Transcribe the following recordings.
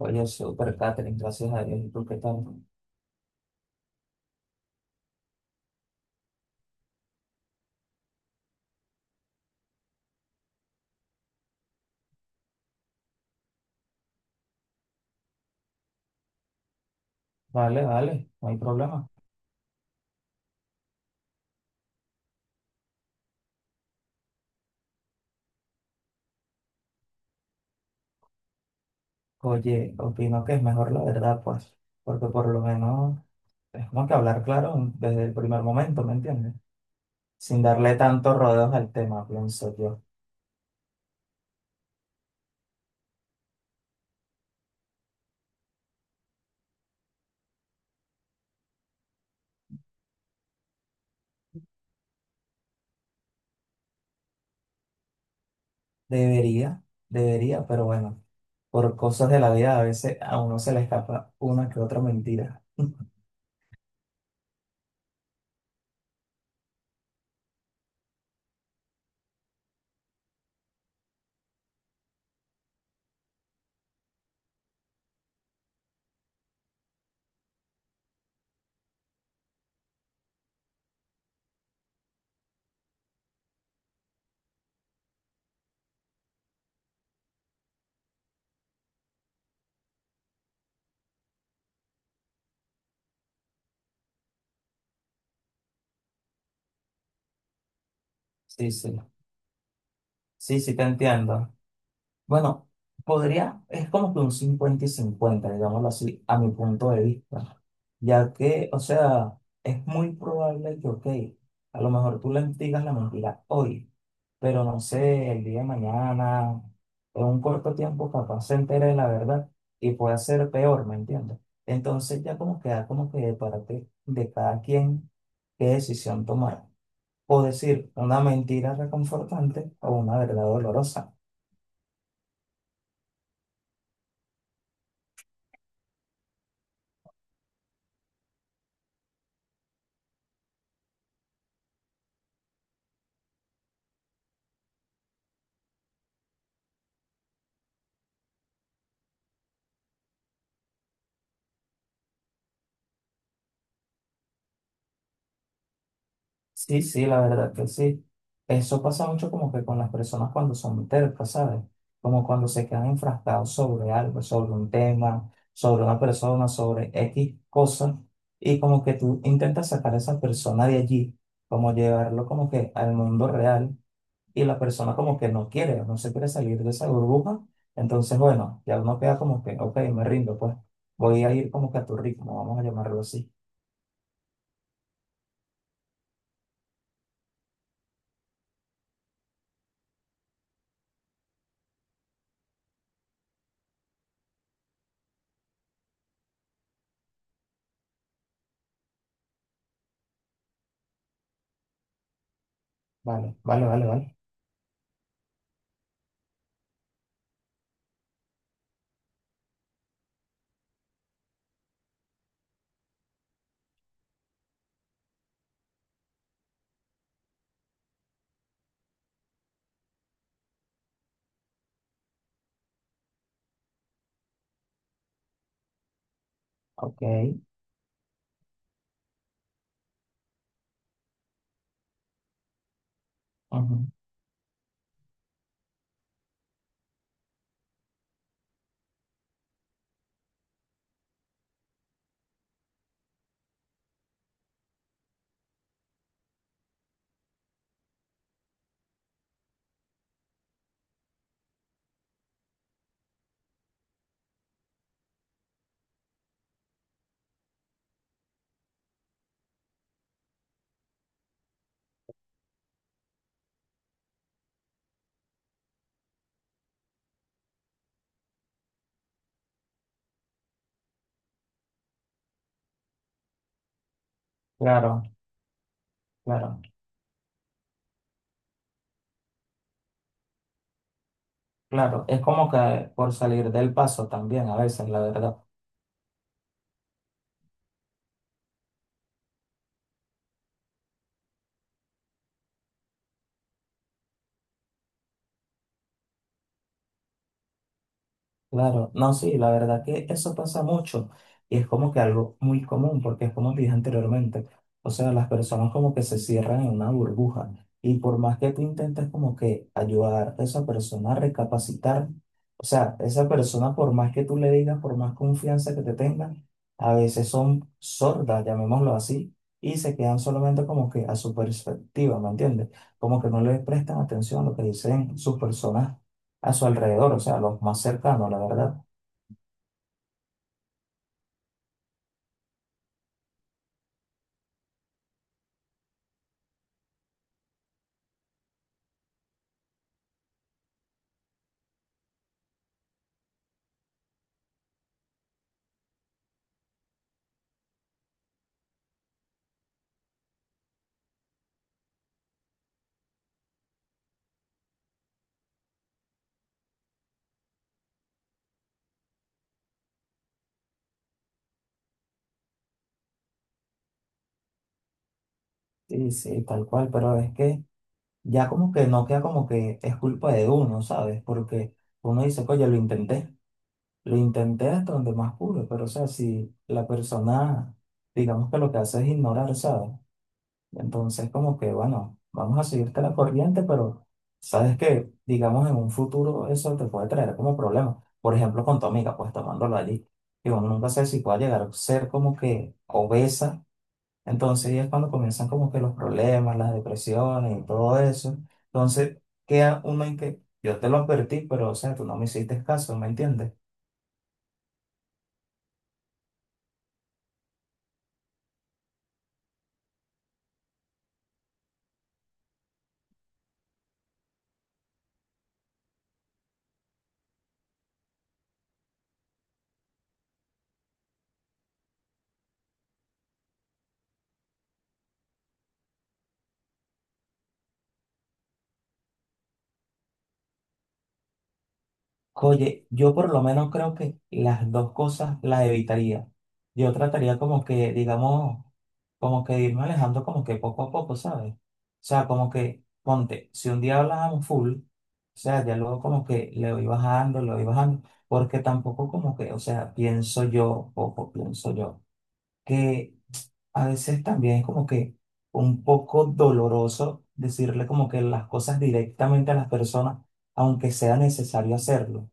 Oye, súper, Catherine, gracias a Dios. ¿Y tú qué tal? Vale, vale, no hay problema. Oye, opino que es mejor la verdad, pues, porque por lo menos es como que hablar claro desde el primer momento, ¿me entiendes? Sin darle tantos rodeos al tema, pienso yo. Debería, debería, pero bueno, por cosas de la vida a veces a uno se le escapa una que otra mentira. Sí, sí, sí, sí, te entiendo. Bueno, podría, es como que un 50 y 50, digámoslo así, a mi punto de vista, ya que, o sea, es muy probable que, ok, a lo mejor tú le digas la mentira hoy, pero no sé, el día de mañana, en un corto tiempo, capaz se entere de la verdad y puede ser peor, ¿me entiendes? Entonces ya como queda como que de parte de cada quien qué decisión tomar, o decir una mentira reconfortante o una verdad dolorosa. Sí, sí, la verdad que sí. Eso pasa mucho como que con las personas cuando son tercas, ¿sabes? Como cuando se quedan enfrascados sobre algo, sobre un tema, sobre una persona, sobre X cosas, y como que tú intentas sacar a esa persona de allí, como llevarlo como que al mundo real, y la persona como que no quiere, no se quiere salir de esa burbuja, entonces bueno, ya uno queda como que, ok, me rindo, pues voy a ir como que a tu ritmo, vamos a llamarlo así. Vale, vale, vale, vale. Ok. Ujú. Claro. Claro, claro, es como que por salir del paso también a veces, la verdad. Claro, no, sí, la verdad que eso pasa mucho y es como que algo muy común porque es como dije anteriormente, o sea, las personas como que se cierran en una burbuja y por más que tú intentes como que ayudar a esa persona a recapacitar, o sea, esa persona por más que tú le digas, por más confianza que te tenga, a veces son sordas, llamémoslo así, y se quedan solamente como que a su perspectiva, ¿me entiendes? Como que no le prestan atención a lo que dicen sus personas a su alrededor, o sea, los más cercanos, la verdad. Sí, sí, tal cual, pero es que ya como que no queda como que es culpa de uno, ¿sabes? Porque uno dice, oye, lo intenté hasta donde más pude, pero o sea, si la persona, digamos que lo que hace es ignorar, ¿sabes? Entonces como que, bueno, vamos a seguirte la corriente, pero sabes que, digamos, en un futuro eso te puede traer como problema. Por ejemplo, con tu amiga, pues tomándolo allí, que uno nunca sabe si puede llegar a ser como que obesa. Entonces ahí es cuando comienzan como que los problemas, las depresiones y todo eso. Entonces queda uno en que yo te lo advertí, pero o sea, tú no me hiciste caso, ¿me entiendes? Oye, yo por lo menos creo que las dos cosas las evitaría. Yo trataría como que, digamos, como que irme alejando como que poco a poco, ¿sabes? O sea, como que, ponte, si un día hablábamos full, o sea, ya luego como que le voy bajando, porque tampoco como que, o sea, pienso yo, poco pienso yo. Que a veces también es como que un poco doloroso decirle como que las cosas directamente a las personas, aunque sea necesario hacerlo,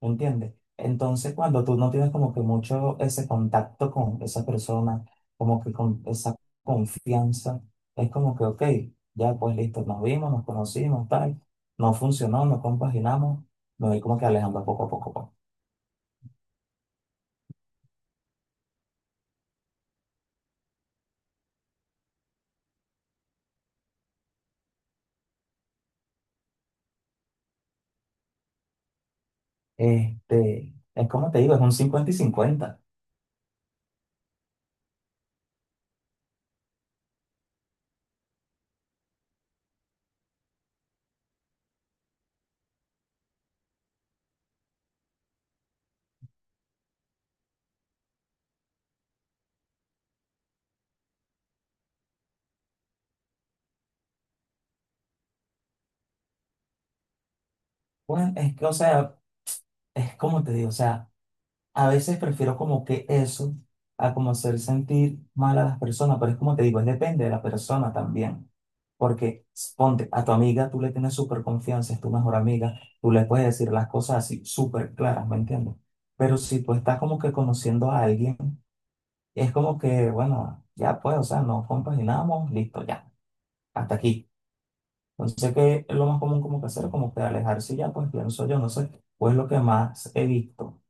¿me entiendes? Entonces, cuando tú no tienes como que mucho ese contacto con esa persona, como que con esa confianza, es como que, ok, ya pues listo, nos vimos, nos conocimos, tal, no funcionó, no compaginamos, me voy como que alejando poco a poco, pues. Este, es como te digo, es un 50 y 50. Bueno, es que, o sea, es como te digo, o sea, a veces prefiero como que eso a como hacer sentir mal a las personas, pero es como te digo, es depende de la persona también. Porque ponte, a tu amiga tú le tienes súper confianza, es tu mejor amiga, tú le puedes decir las cosas así súper claras, ¿me entiendes? Pero si tú estás como que conociendo a alguien, es como que, bueno, ya pues, o sea, nos compaginamos, listo, ya, hasta aquí. Entonces, que es lo más común como que hacer? Como que alejarse y ya, pues pienso yo, no sé, pues lo que más he visto.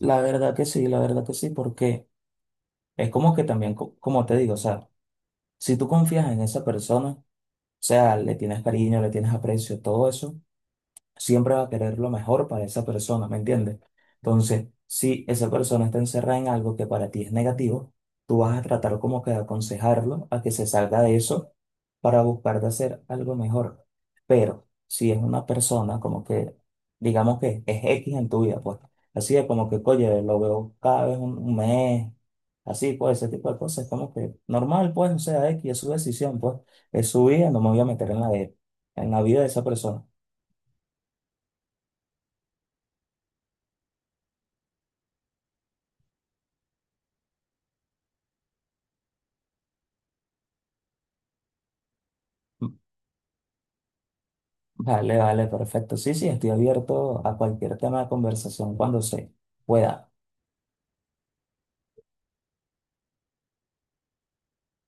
La verdad que sí, la verdad que sí, porque es como que también, como te digo, o sea, si tú confías en esa persona, o sea, le tienes cariño, le tienes aprecio, todo eso, siempre va a querer lo mejor para esa persona, ¿me entiendes? Entonces, si esa persona está encerrada en algo que para ti es negativo, tú vas a tratar como que de aconsejarlo a que se salga de eso para buscar de hacer algo mejor. Pero si es una persona como que, digamos que es X en tu vida, pues así es como que, oye, lo veo cada vez un mes, así, pues ese tipo de cosas, es como que normal, pues, o sea, X es su decisión, pues es su vida, no me voy a meter en la de, en la vida de esa persona. Mm. Vale, vale, perfecto. Sí, sí, estoy abierto a cualquier tema de conversación cuando se pueda.